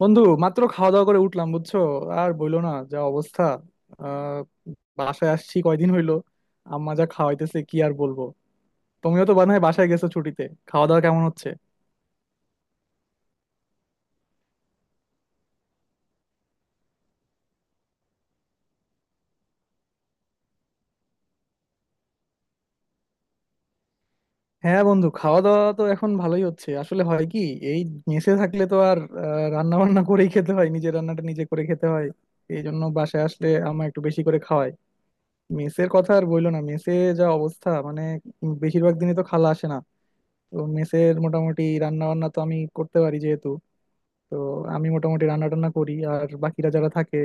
বন্ধু মাত্র খাওয়া দাওয়া করে উঠলাম, বুঝছো? আর বইলো না, যা অবস্থা। আহ বাসায় আসছি কয়দিন হইলো। আম্মা যা খাওয়াইতেছে, কি আর বলবো। তুমিও তো বানায় বাসায় গেছো ছুটিতে, খাওয়া দাওয়া কেমন হচ্ছে? হ্যাঁ বন্ধু, খাওয়া দাওয়া তো এখন ভালোই হচ্ছে। আসলে হয় কি, এই মেসে থাকলে তো আর রান্না বান্না করেই খেতে হয়, নিজের রান্নাটা নিজে করে খেতে হয়। এই জন্য বাসায় আসলে আম্মা একটু বেশি করে খাওয়ায়। মেসের কথা আর বইলো না, মেসে যা অবস্থা, মানে বেশিরভাগ দিনই তো খালা আসে না। তো মেসের মোটামুটি রান্না বান্না তো আমি করতে পারি যেহেতু, তো আমি মোটামুটি রান্না টান্না করি, আর বাকিরা যারা থাকে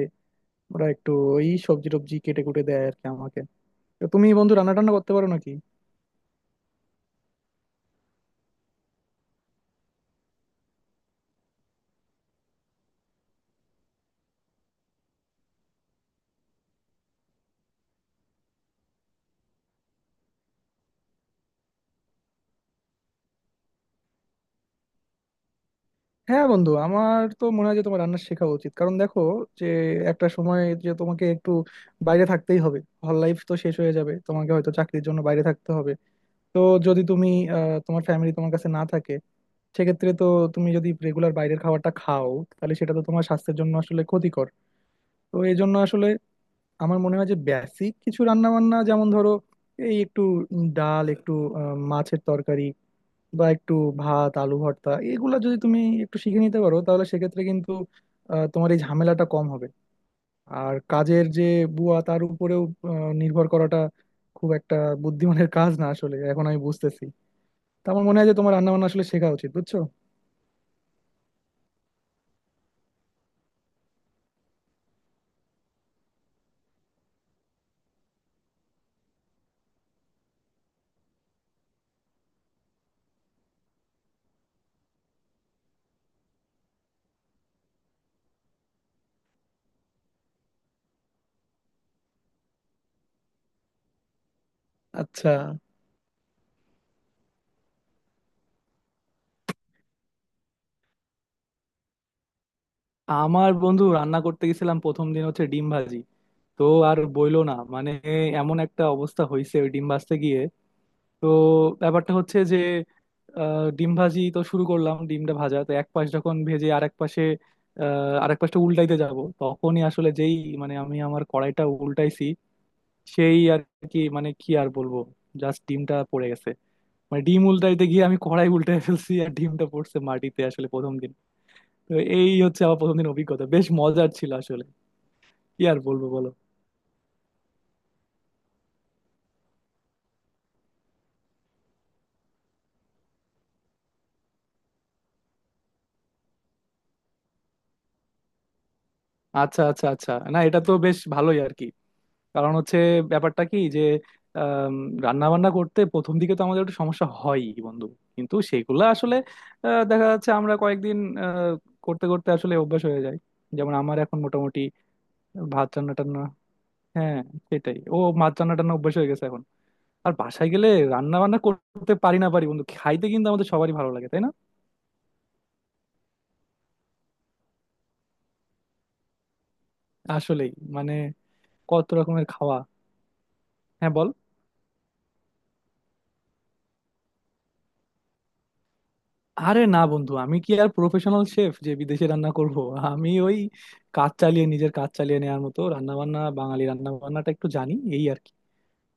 ওরা একটু এই সবজি টবজি কেটে কুটে দেয় আর কি আমাকে। তো তুমি বন্ধু রান্না টান্না করতে পারো নাকি? হ্যাঁ বন্ধু, আমার তো মনে হয় যে তোমার রান্না শেখা উচিত। কারণ দেখো যে একটা সময় যে তোমাকে একটু বাইরে থাকতেই হবে, হল লাইফ তো শেষ হয়ে যাবে, তোমাকে হয়তো চাকরির জন্য বাইরে থাকতে হবে। তো যদি তুমি, তোমার ফ্যামিলি তোমার কাছে না থাকে, সেক্ষেত্রে তো তুমি যদি রেগুলার বাইরের খাবারটা খাও, তাহলে সেটা তো তোমার স্বাস্থ্যের জন্য আসলে ক্ষতিকর। তো এই জন্য আসলে আমার মনে হয় যে বেসিক কিছু রান্না বান্না, যেমন ধরো এই একটু ডাল, একটু মাছের তরকারি, বা একটু ভাত আলু ভর্তা, এগুলা যদি তুমি একটু শিখে নিতে পারো, তাহলে সেক্ষেত্রে কিন্তু তোমার এই ঝামেলাটা কম হবে। আর কাজের যে বুয়া, তার উপরেও আহ, নির্ভর করাটা খুব একটা বুদ্ধিমানের কাজ না আসলে, এখন আমি বুঝতেছি। তো আমার মনে হয় যে তোমার রান্না বান্না আসলে শেখা উচিত, বুঝছো? আচ্ছা। আমার বন্ধু রান্না করতে গেছিলাম প্রথম দিন, হচ্ছে ডিম ভাজি। তো আর বইলো না, মানে এমন একটা অবস্থা হয়েছে ওই ডিম ভাজতে গিয়ে। তো ব্যাপারটা হচ্ছে যে ডিম ভাজি তো শুরু করলাম, ডিমটা ভাজা তো এক পাশ যখন ভেজে আর এক পাশে, আর এক পাশটা উল্টাইতে যাব, তখনই আসলে যেই, মানে আমার কড়াইটা উল্টাইছি সেই আর কি, মানে কি আর বলবো, জাস্ট ডিমটা পড়ে গেছে। মানে ডিম উল্টাইতে গিয়ে আমি কড়াই উল্টাই ফেলছি আর ডিমটা পড়ছে মাটিতে আসলে, প্রথম দিন। তো এই হচ্ছে আমার প্রথম দিন অভিজ্ঞতা, বেশ মজার ছিল আসলে। কি আর বলবো বলো। আচ্ছা আচ্ছা আচ্ছা, না এটা তো বেশ ভালোই আর কি। কারণ হচ্ছে ব্যাপারটা কি যে রান্না বান্না করতে প্রথম দিকে তো আমাদের একটু সমস্যা হয় বন্ধু, কিন্তু সেগুলো আসলে দেখা যাচ্ছে আমরা কয়েকদিন আহ, করতে করতে আসলে অভ্যাস হয়ে যায়। যেমন আমার এখন মোটামুটি ভাত রান্না টান্না, হ্যাঁ সেটাই, ও ভাত রান্না টান্না অভ্যাস হয়ে গেছে এখন। আর বাসায় গেলে রান্না বান্না করতে পারি না পারি বন্ধু, খাইতে কিন্তু আমাদের সবারই ভালো লাগে তাই না? আসলেই, মানে কত রকমের খাওয়া। হ্যাঁ বল। আরে না বন্ধু, আমি কি আর প্রফেশনাল শেফ যে বিদেশে রান্না করব? আমি ওই কাজ চালিয়ে, নিজের কাজ চালিয়ে নেওয়ার মতো রান্না বান্না, বাঙালি রান্না বান্নাটা একটু জানি এই আর কি।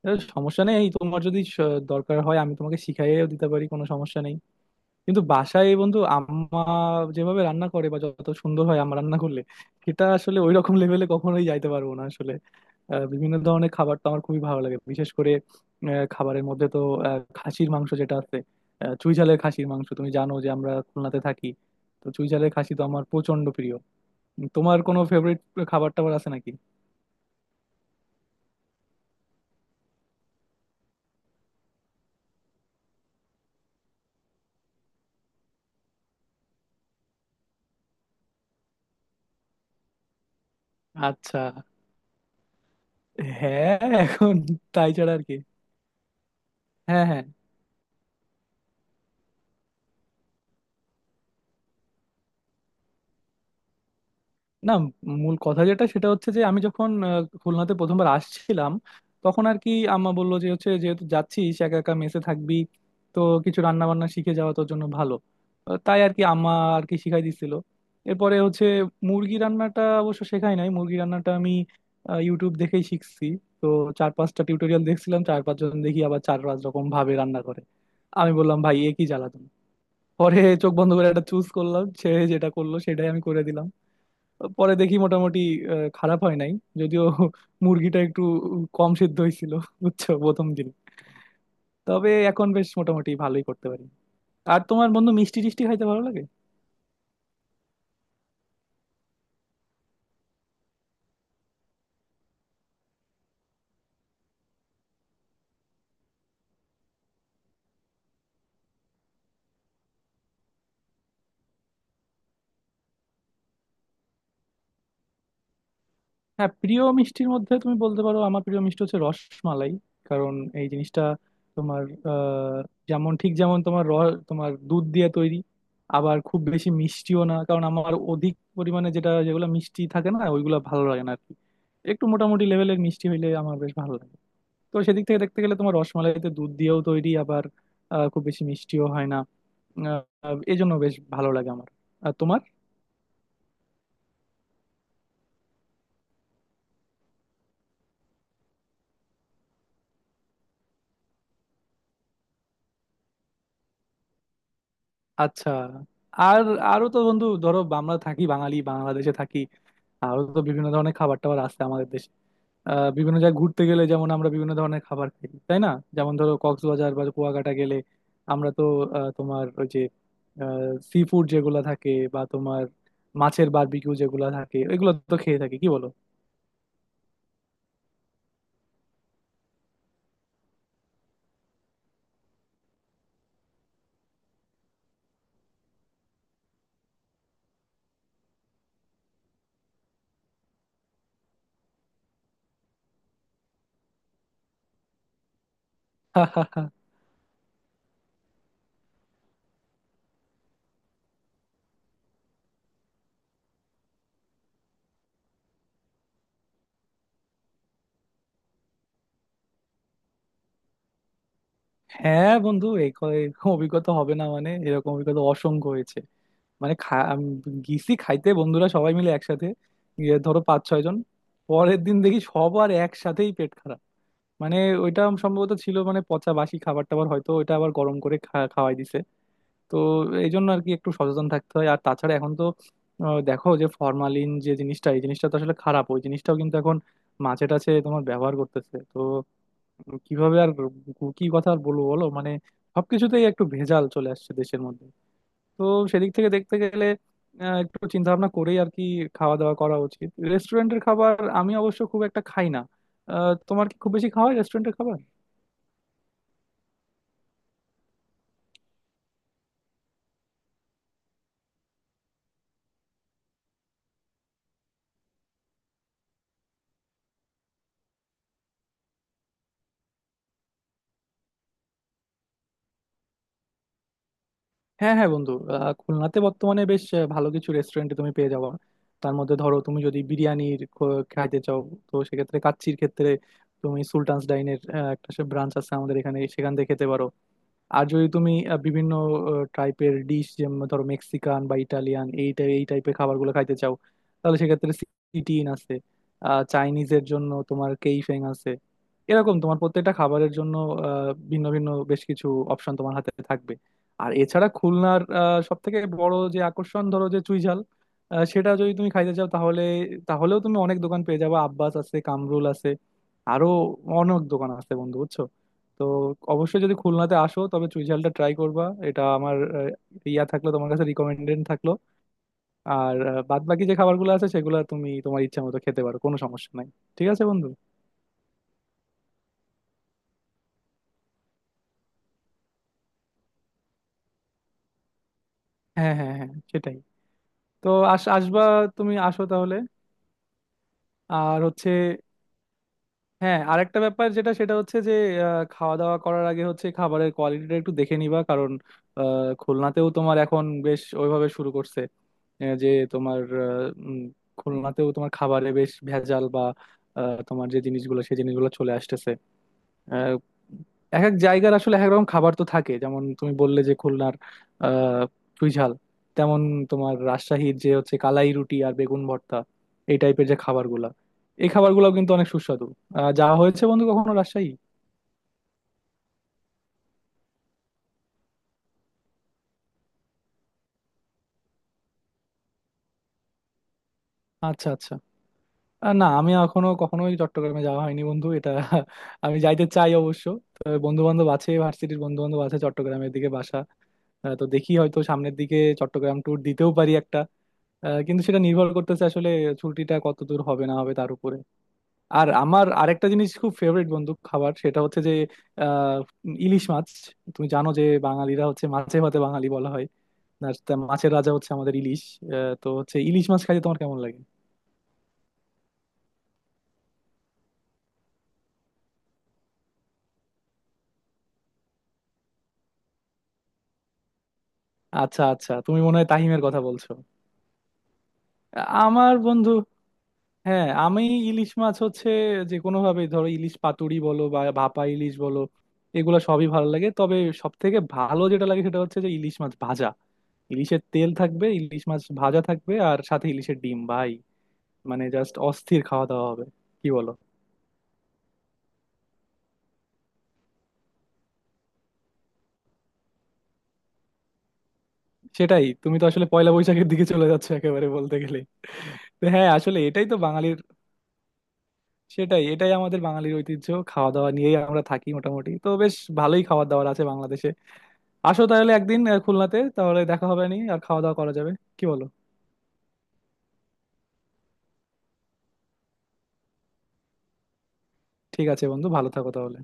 এর সমস্যা নেই, এই তোমার যদি দরকার হয় আমি তোমাকে শিখাইয়েও দিতে পারি, কোনো সমস্যা নেই। কিন্তু বাসায় বন্ধু আম্মা যেভাবে রান্না করে বা যত সুন্দর হয় আম্মা রান্না করলে, সেটা আসলে ওই রকম লেভেলে কখনোই যাইতে পারবো না আসলে। বিভিন্ন ধরনের খাবার তো আমার খুবই ভালো লাগে, বিশেষ করে খাবারের মধ্যে তো খাসির মাংস যেটা আছে, চুই ঝালের খাসির মাংস। তুমি জানো যে আমরা খুলনাতে থাকি, তো চুই ঝালের খাসি তো আমার প্রচন্ড প্রিয়। তোমার কোনো ফেভারিট খাবার টাবার আছে নাকি? আচ্ছা। হ্যাঁ এখন তাই ছাড়া আর কি। হ্যাঁ হ্যাঁ। না, মূল কথা যেটা সেটা হচ্ছে যে আমি যখন খুলনাতে প্রথমবার আসছিলাম, তখন আর কি আম্মা বললো যে হচ্ছে যেহেতু যাচ্ছিস একা একা মেসে থাকবি, তো কিছু রান্না বান্না শিখে যাওয়া তোর জন্য ভালো। তাই আর কি আম্মা আর কি শিখাই দিছিল। এরপরে হচ্ছে মুরগি রান্নাটা অবশ্য শেখাই নাই, মুরগি রান্নাটা আমি ইউটিউব দেখেই শিখছি। তো চার পাঁচটা টিউটোরিয়াল দেখছিলাম, চার পাঁচজন দেখি আবার চার পাঁচ রকম ভাবে রান্না করে। আমি বললাম ভাই এ কি জ্বালাতন। পরে চোখ বন্ধ করে একটা চুজ করলাম, সে যেটা করলো সেটাই আমি করে দিলাম। পরে দেখি মোটামুটি খারাপ হয় নাই, যদিও মুরগিটা একটু কম সিদ্ধ হয়েছিল, বুঝছো, প্রথম দিন। তবে এখন বেশ মোটামুটি ভালোই করতে পারি। আর তোমার বন্ধু মিষ্টি টিষ্টি খাইতে ভালো লাগে? হ্যাঁ প্রিয় মিষ্টির মধ্যে তুমি বলতে পারো আমার প্রিয় মিষ্টি হচ্ছে রসমালাই। কারণ এই জিনিসটা তোমার আহ যেমন, ঠিক যেমন তোমার দুধ দিয়ে তৈরি, আবার খুব বেশি মিষ্টিও না। কারণ আমার অধিক পরিমাণে যেটা, যেগুলো মিষ্টি থাকে না ওইগুলো ভালো লাগে না আর কি, একটু মোটামুটি লেভেলের মিষ্টি হইলে আমার বেশ ভালো লাগে। তো সেদিক থেকে দেখতে গেলে তোমার রসমালাইতে দুধ দিয়েও তৈরি, আবার খুব বেশি মিষ্টিও হয় না। এই জন্য বেশ ভালো লাগে আমার। আর তোমার, আচ্ছা। আর আরো তো বন্ধু ধরো আমরা থাকি বাঙালি, বাংলাদেশে থাকি, আরো তো বিভিন্ন ধরনের খাবার টাবার আছে আমাদের দেশে। বিভিন্ন জায়গায় ঘুরতে গেলে যেমন আমরা বিভিন্ন ধরনের খাবার খাই তাই না? যেমন ধরো কক্সবাজার বা কুয়াকাটা গেলে আমরা তো তোমার ওই যে সি ফুড যেগুলো থাকে, বা তোমার মাছের বারবিকিউ যেগুলো থাকে, এগুলো তো খেয়ে থাকি, কি বলো? হ্যাঁ বন্ধু এই এরকম অভিজ্ঞতা হবে না মানে, এরকম অভিজ্ঞতা অসংখ্য হয়েছে। মানে গিয়েছি খাইতে বন্ধুরা সবাই মিলে একসাথে, গিয়ে ধরো পাঁচ ছয় জন, পরের দিন দেখি সবার একসাথেই পেট খারাপ। মানে ওইটা সম্ভবত ছিল মানে পচা বাসি খাবার টাবার, হয়তো ওইটা আবার গরম করে খাওয়াই দিছে। তো এই জন্য আর কি একটু সচেতন থাকতে হয়। আর তাছাড়া এখন তো দেখো যে ফরমালিন যে জিনিসটা, এই জিনিসটা তো আসলে খারাপ, ওই জিনিসটাও কিন্তু এখন মাছে টাছে তোমার ব্যবহার করতেছে তো। কিভাবে আর কি কথা আর বলবো বলো, মানে সবকিছুতেই একটু ভেজাল চলে আসছে দেশের মধ্যে। তো সেদিক থেকে দেখতে গেলে একটু চিন্তা ভাবনা করেই আর কি খাওয়া দাওয়া করা উচিত। রেস্টুরেন্টের খাবার আমি অবশ্য খুব একটা খাই না। তোমার কি খুব বেশি খাওয়া হয় রেস্টুরেন্টের খাবার? হ্যাঁ হ্যাঁ বন্ধু, খুলনাতে বর্তমানে বেশ ভালো কিছু রেস্টুরেন্টে তুমি পেয়ে যাবো। তার মধ্যে ধরো তুমি যদি বিরিয়ানির খাইতে চাও, তো সেক্ষেত্রে কাচ্চির ক্ষেত্রে তুমি সুলতানস ডাইনের একটা ব্রাঞ্চ আছে আমাদের এখানে, সেখান থেকে খেতে পারো। আর যদি তুমি বিভিন্ন টাইপের ডিশ, যেমন ধরো মেক্সিকান বা ইটালিয়ান, এই এই টাইপের খাবারগুলো খাইতে চাও, তাহলে সেক্ষেত্রে সিটিন আছে। চাইনিজের জন্য তোমার কেইফেং আছে। এরকম তোমার প্রত্যেকটা খাবারের জন্য ভিন্ন ভিন্ন বেশ কিছু অপশন তোমার হাতে থাকবে। আর এছাড়া খুলনার সব থেকে বড় যে আকর্ষণ, ধরো যে চুইঝাল, সেটা যদি তুমি খাইতে চাও, তাহলে তাহলেও তুমি অনেক দোকান পেয়ে যাবে। আব্বাস আছে, কামরুল আছে, আরো অনেক দোকান আছে বন্ধু, বুঝছো? তো অবশ্যই যদি খুলনাতে আসো তবে চুইঝালটা ট্রাই করবা, এটা আমার ইয়া থাকলো, তোমার কাছে রিকমেন্ডেড থাকলো। আর বাদ বাকি যে খাবারগুলো আছে সেগুলো তুমি তোমার ইচ্ছা মতো খেতে পারো, কোনো সমস্যা নাই। ঠিক আছে বন্ধু। হ্যাঁ হ্যাঁ হ্যাঁ, সেটাই। তো আসবা? তুমি আসো তাহলে। আর হচ্ছে, হ্যাঁ আরেকটা ব্যাপার যেটা, সেটা হচ্ছে যে খাওয়া দাওয়া করার আগে হচ্ছে খাবারের কোয়ালিটিটা একটু দেখে নিবা। কারণ আহ, খুলনাতেও তোমার এখন বেশ ওইভাবে শুরু করছে যে তোমার উম, খুলনাতেও তোমার খাবারে বেশ ভেজাল বা তোমার যে জিনিসগুলো, সেই জিনিসগুলো চলে আসতেছে। আহ, এক এক জায়গার আসলে এক এক রকম খাবার তো থাকে। যেমন তুমি বললে যে খুলনার আহ চুইঝাল, তেমন তোমার রাজশাহীর যে হচ্ছে কালাই রুটি আর বেগুন ভর্তা, এই টাইপের যে খাবারগুলা, এই খাবারগুলো কিন্তু অনেক সুস্বাদু। যা হয়েছে বন্ধু, কখনো রাজশাহী? আচ্ছা আচ্ছা। না আমি এখনো কখনোই চট্টগ্রামে যাওয়া হয়নি বন্ধু, এটা আমি যাইতে চাই অবশ্য। বন্ধু বান্ধব আছে, ভার্সিটির বন্ধু বান্ধব আছে চট্টগ্রামের দিকে বাসা। তো দেখি হয়তো সামনের দিকে চট্টগ্রাম ট্যুর দিতেও পারি একটা, কিন্তু সেটা নির্ভর করতেছে আসলে ছুটিটা কত দূর হবে না হবে তার উপরে। আর আমার আরেকটা জিনিস খুব ফেভারিট বন্ধু খাবার, সেটা হচ্ছে যে আহ ইলিশ মাছ। তুমি জানো যে বাঙালিরা হচ্ছে মাছে ভাতে বাঙালি বলা হয়, আর তা মাছের রাজা হচ্ছে আমাদের ইলিশ। তো হচ্ছে ইলিশ মাছ খাইতে তোমার কেমন লাগে? আচ্ছা আচ্ছা, তুমি মনে হয় তাহিমের কথা বলছো। আমার বন্ধু, হ্যাঁ আমি ইলিশ মাছ হচ্ছে যে কোনো ভাবে, ধরো ইলিশ পাতুরি বলো বা ভাপা ইলিশ বলো, এগুলো সবই ভালো লাগে। তবে সব থেকে ভালো যেটা লাগে সেটা হচ্ছে যে ইলিশ মাছ ভাজা। ইলিশের তেল থাকবে, ইলিশ মাছ ভাজা থাকবে, আর সাথে ইলিশের ডিম ভাই, মানে জাস্ট অস্থির খাওয়া দাওয়া হবে, কি বলো? সেটাই, তুমি তো আসলে পয়লা বৈশাখের দিকে চলে যাচ্ছ একেবারে বলতে গেলে। তো হ্যাঁ আসলে এটাই তো বাঙালির, সেটাই, এটাই আমাদের বাঙালির ঐতিহ্য। খাওয়া দাওয়া নিয়েই আমরা থাকি মোটামুটি, তো বেশ ভালোই খাওয়া দাওয়ার আছে বাংলাদেশে। আসো তাহলে একদিন খুলনাতে, তাহলে দেখা হবে নি আর খাওয়া দাওয়া করা যাবে, কি বলো? ঠিক আছে বন্ধু, ভালো থাকো তাহলে।